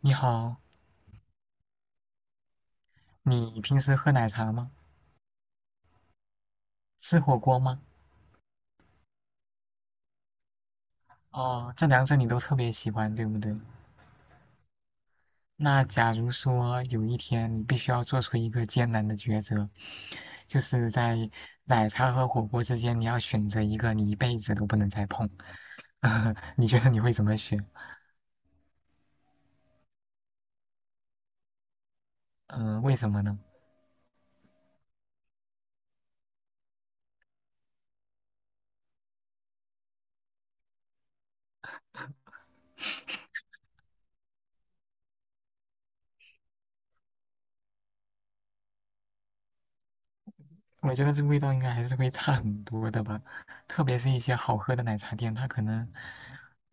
你好，你平时喝奶茶吗？吃火锅吗？哦，这两者你都特别喜欢，对不对？那假如说有一天你必须要做出一个艰难的抉择，就是在奶茶和火锅之间，你要选择一个你一辈子都不能再碰，你觉得你会怎么选？嗯、为什么呢？我觉得这味道应该还是会差很多的吧，特别是一些好喝的奶茶店，它可能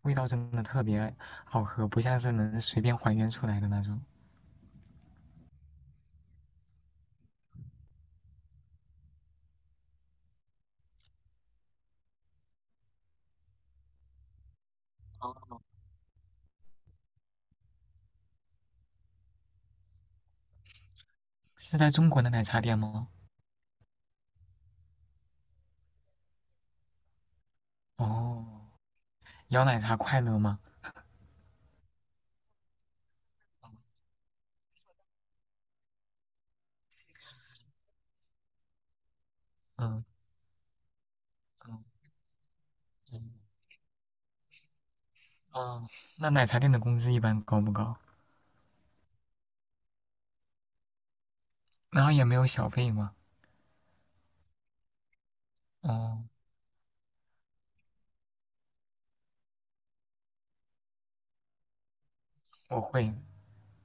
味道真的特别好喝，不像是能随便还原出来的那种。是在中国的奶茶店吗？哦，摇奶茶快乐吗？嗯嗯嗯，哦，那奶茶店的工资一般高不高？然后也没有小费吗？哦，我会，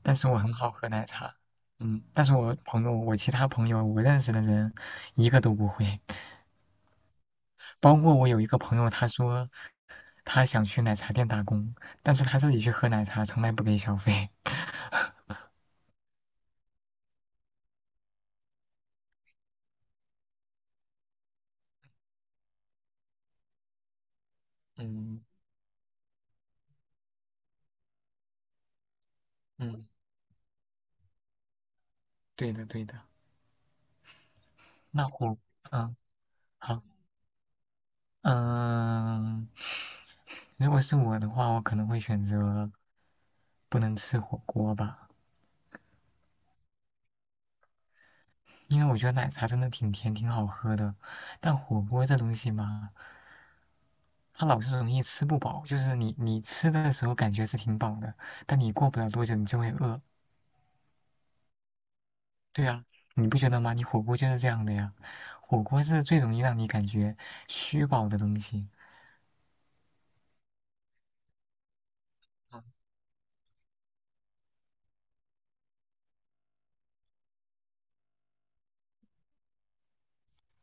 但是我很好喝奶茶。嗯，但是我朋友，我其他朋友，我认识的人，一个都不会。包括我有一个朋友，他说他想去奶茶店打工，但是他自己去喝奶茶，从来不给小费。嗯嗯，对的对的。那火，嗯，好。嗯，如果是我的话，我可能会选择不能吃火锅吧，因为我觉得奶茶真的挺甜，挺好喝的，但火锅这东西嘛，它老是容易吃不饱，就是你吃的时候感觉是挺饱的，但你过不了多久你就会饿。对啊，你不觉得吗？你火锅就是这样的呀，火锅是最容易让你感觉虚饱的东西。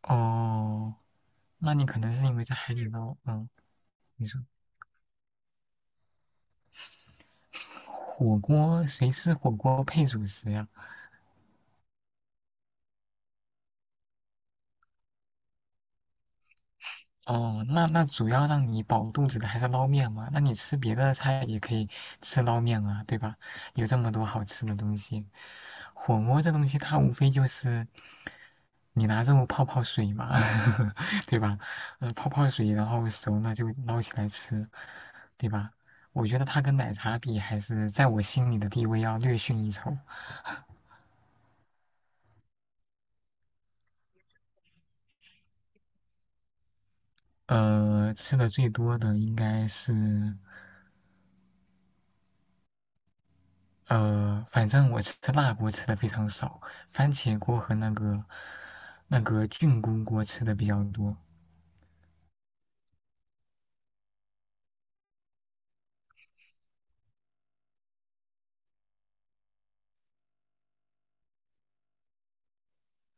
哦，那你可能是因为在海底捞，嗯，你说。火锅谁吃火锅配主食呀？哦，那主要让你饱肚子的还是捞面嘛？那你吃别的菜也可以吃捞面啊，对吧？有这么多好吃的东西，火锅这东西它无非就是你拿肉泡泡水嘛，对吧？泡泡水，然后熟了就捞起来吃，对吧？我觉得它跟奶茶比，还是在我心里的地位要略逊一筹。吃的最多的应该是反正我吃辣锅吃的非常少，番茄锅和那个菌菇锅吃的比较多。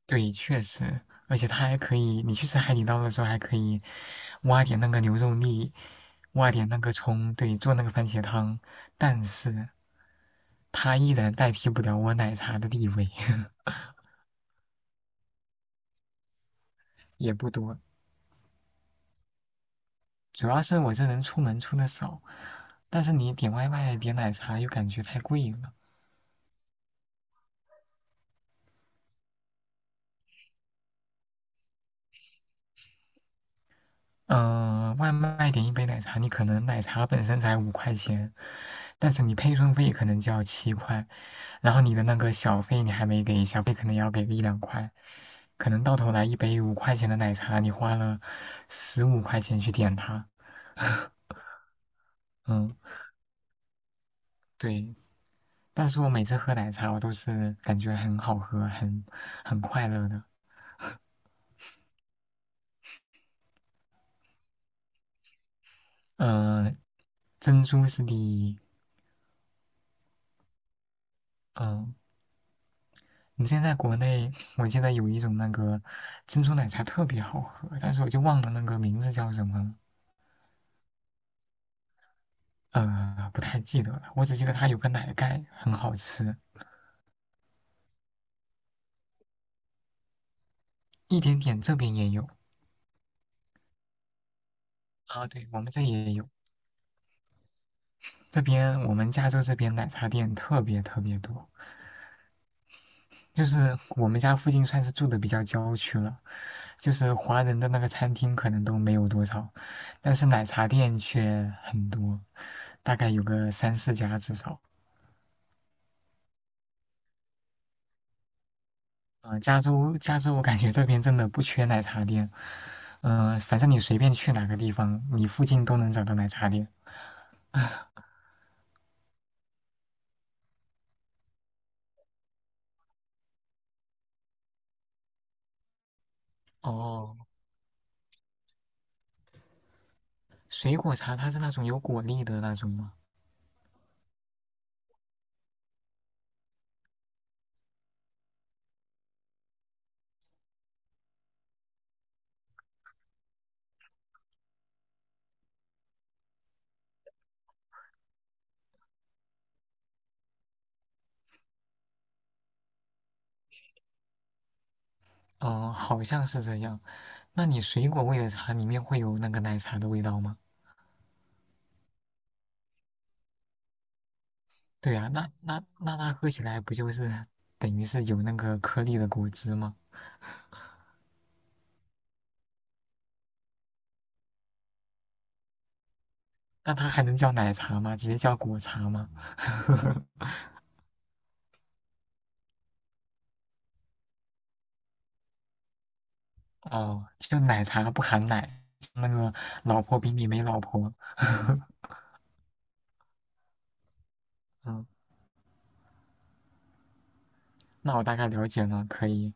对，确实，而且它还可以，你去吃海底捞的时候还可以挖点那个牛肉粒，挖点那个葱，对，做那个番茄汤。但是它依然代替不了我奶茶的地位，也不多。主要是我这人出门出的少，但是你点外卖点奶茶又感觉太贵了。外卖点一杯奶茶，你可能奶茶本身才五块钱，但是你配送费可能就要7块，然后你的那个小费你还没给，小费可能要给个一两块，可能到头来一杯五块钱的奶茶，你花了15块钱去点它，嗯，对。但是我每次喝奶茶，我都是感觉很好喝，很快乐的。嗯、呃珍珠是第一，嗯、呃我们现在在国内，我记得有一种那个珍珠奶茶特别好喝，但是我就忘了那个名字叫什么了，呃，不太记得了。我只记得它有个奶盖很好吃，一点点这边也有啊，对，我们这也有。这边我们加州这边奶茶店特别特别多，就是我们家附近算是住的比较郊区了，就是华人的那个餐厅可能都没有多少，但是奶茶店却很多，大概有个三四家至少。加州，我感觉这边真的不缺奶茶店。反正你随便去哪个地方，你附近都能找到奶茶店。哦，水果茶它是那种有果粒的那种吗？哦、好像是这样。那你水果味的茶里面会有那个奶茶的味道吗？对呀、那它喝起来不就是等于是有那个颗粒的果汁吗？那它还能叫奶茶吗？直接叫果茶吗？哦，就奶茶不含奶，那个老婆饼里没老婆。嗯，那我大概了解了，可以。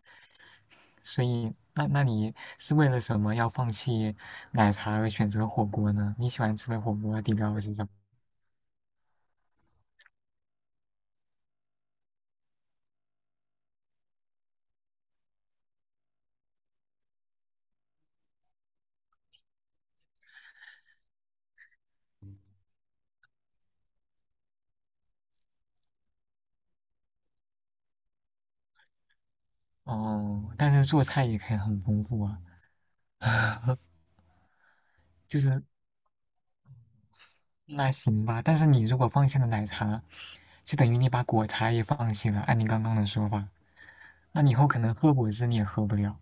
所以，那你是为了什么要放弃奶茶而选择火锅呢？你喜欢吃的火锅底料是什么？哦，但是做菜也可以很丰富啊。就是那行吧，但是你如果放弃了奶茶，就等于你把果茶也放弃了。按你刚刚的说法，那你以后可能喝果汁你也喝不了，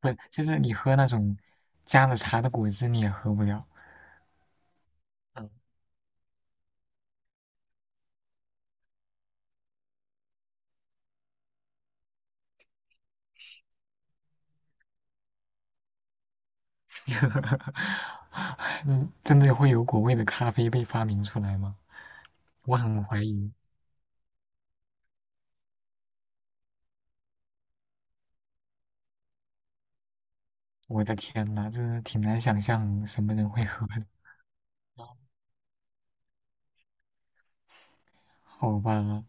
不，就是你喝那种加了茶的果汁你也喝不了。嗯。呵呵嗯，真的会有果味的咖啡被发明出来吗？我很怀疑。我的天呐，真的挺难想象什么人会喝的。好吧，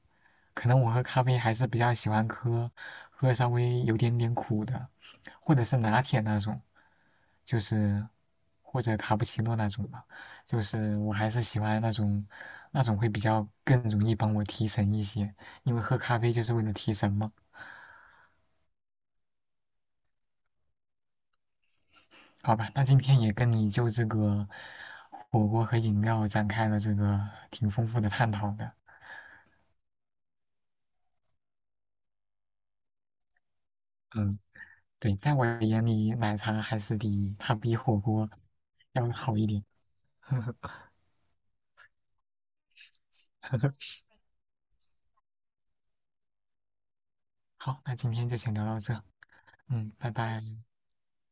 可能我喝咖啡还是比较喜欢喝稍微有点点苦的，或者是拿铁那种，就是或者卡布奇诺那种吧。就是我还是喜欢那种会比较更容易帮我提神一些，因为喝咖啡就是为了提神嘛。好吧，那今天也跟你就这个火锅和饮料展开了这个挺丰富的探讨的。嗯，对，在我眼里，奶茶还是第一，它比火锅要好一点。好，那今天就先聊到这。嗯，拜拜。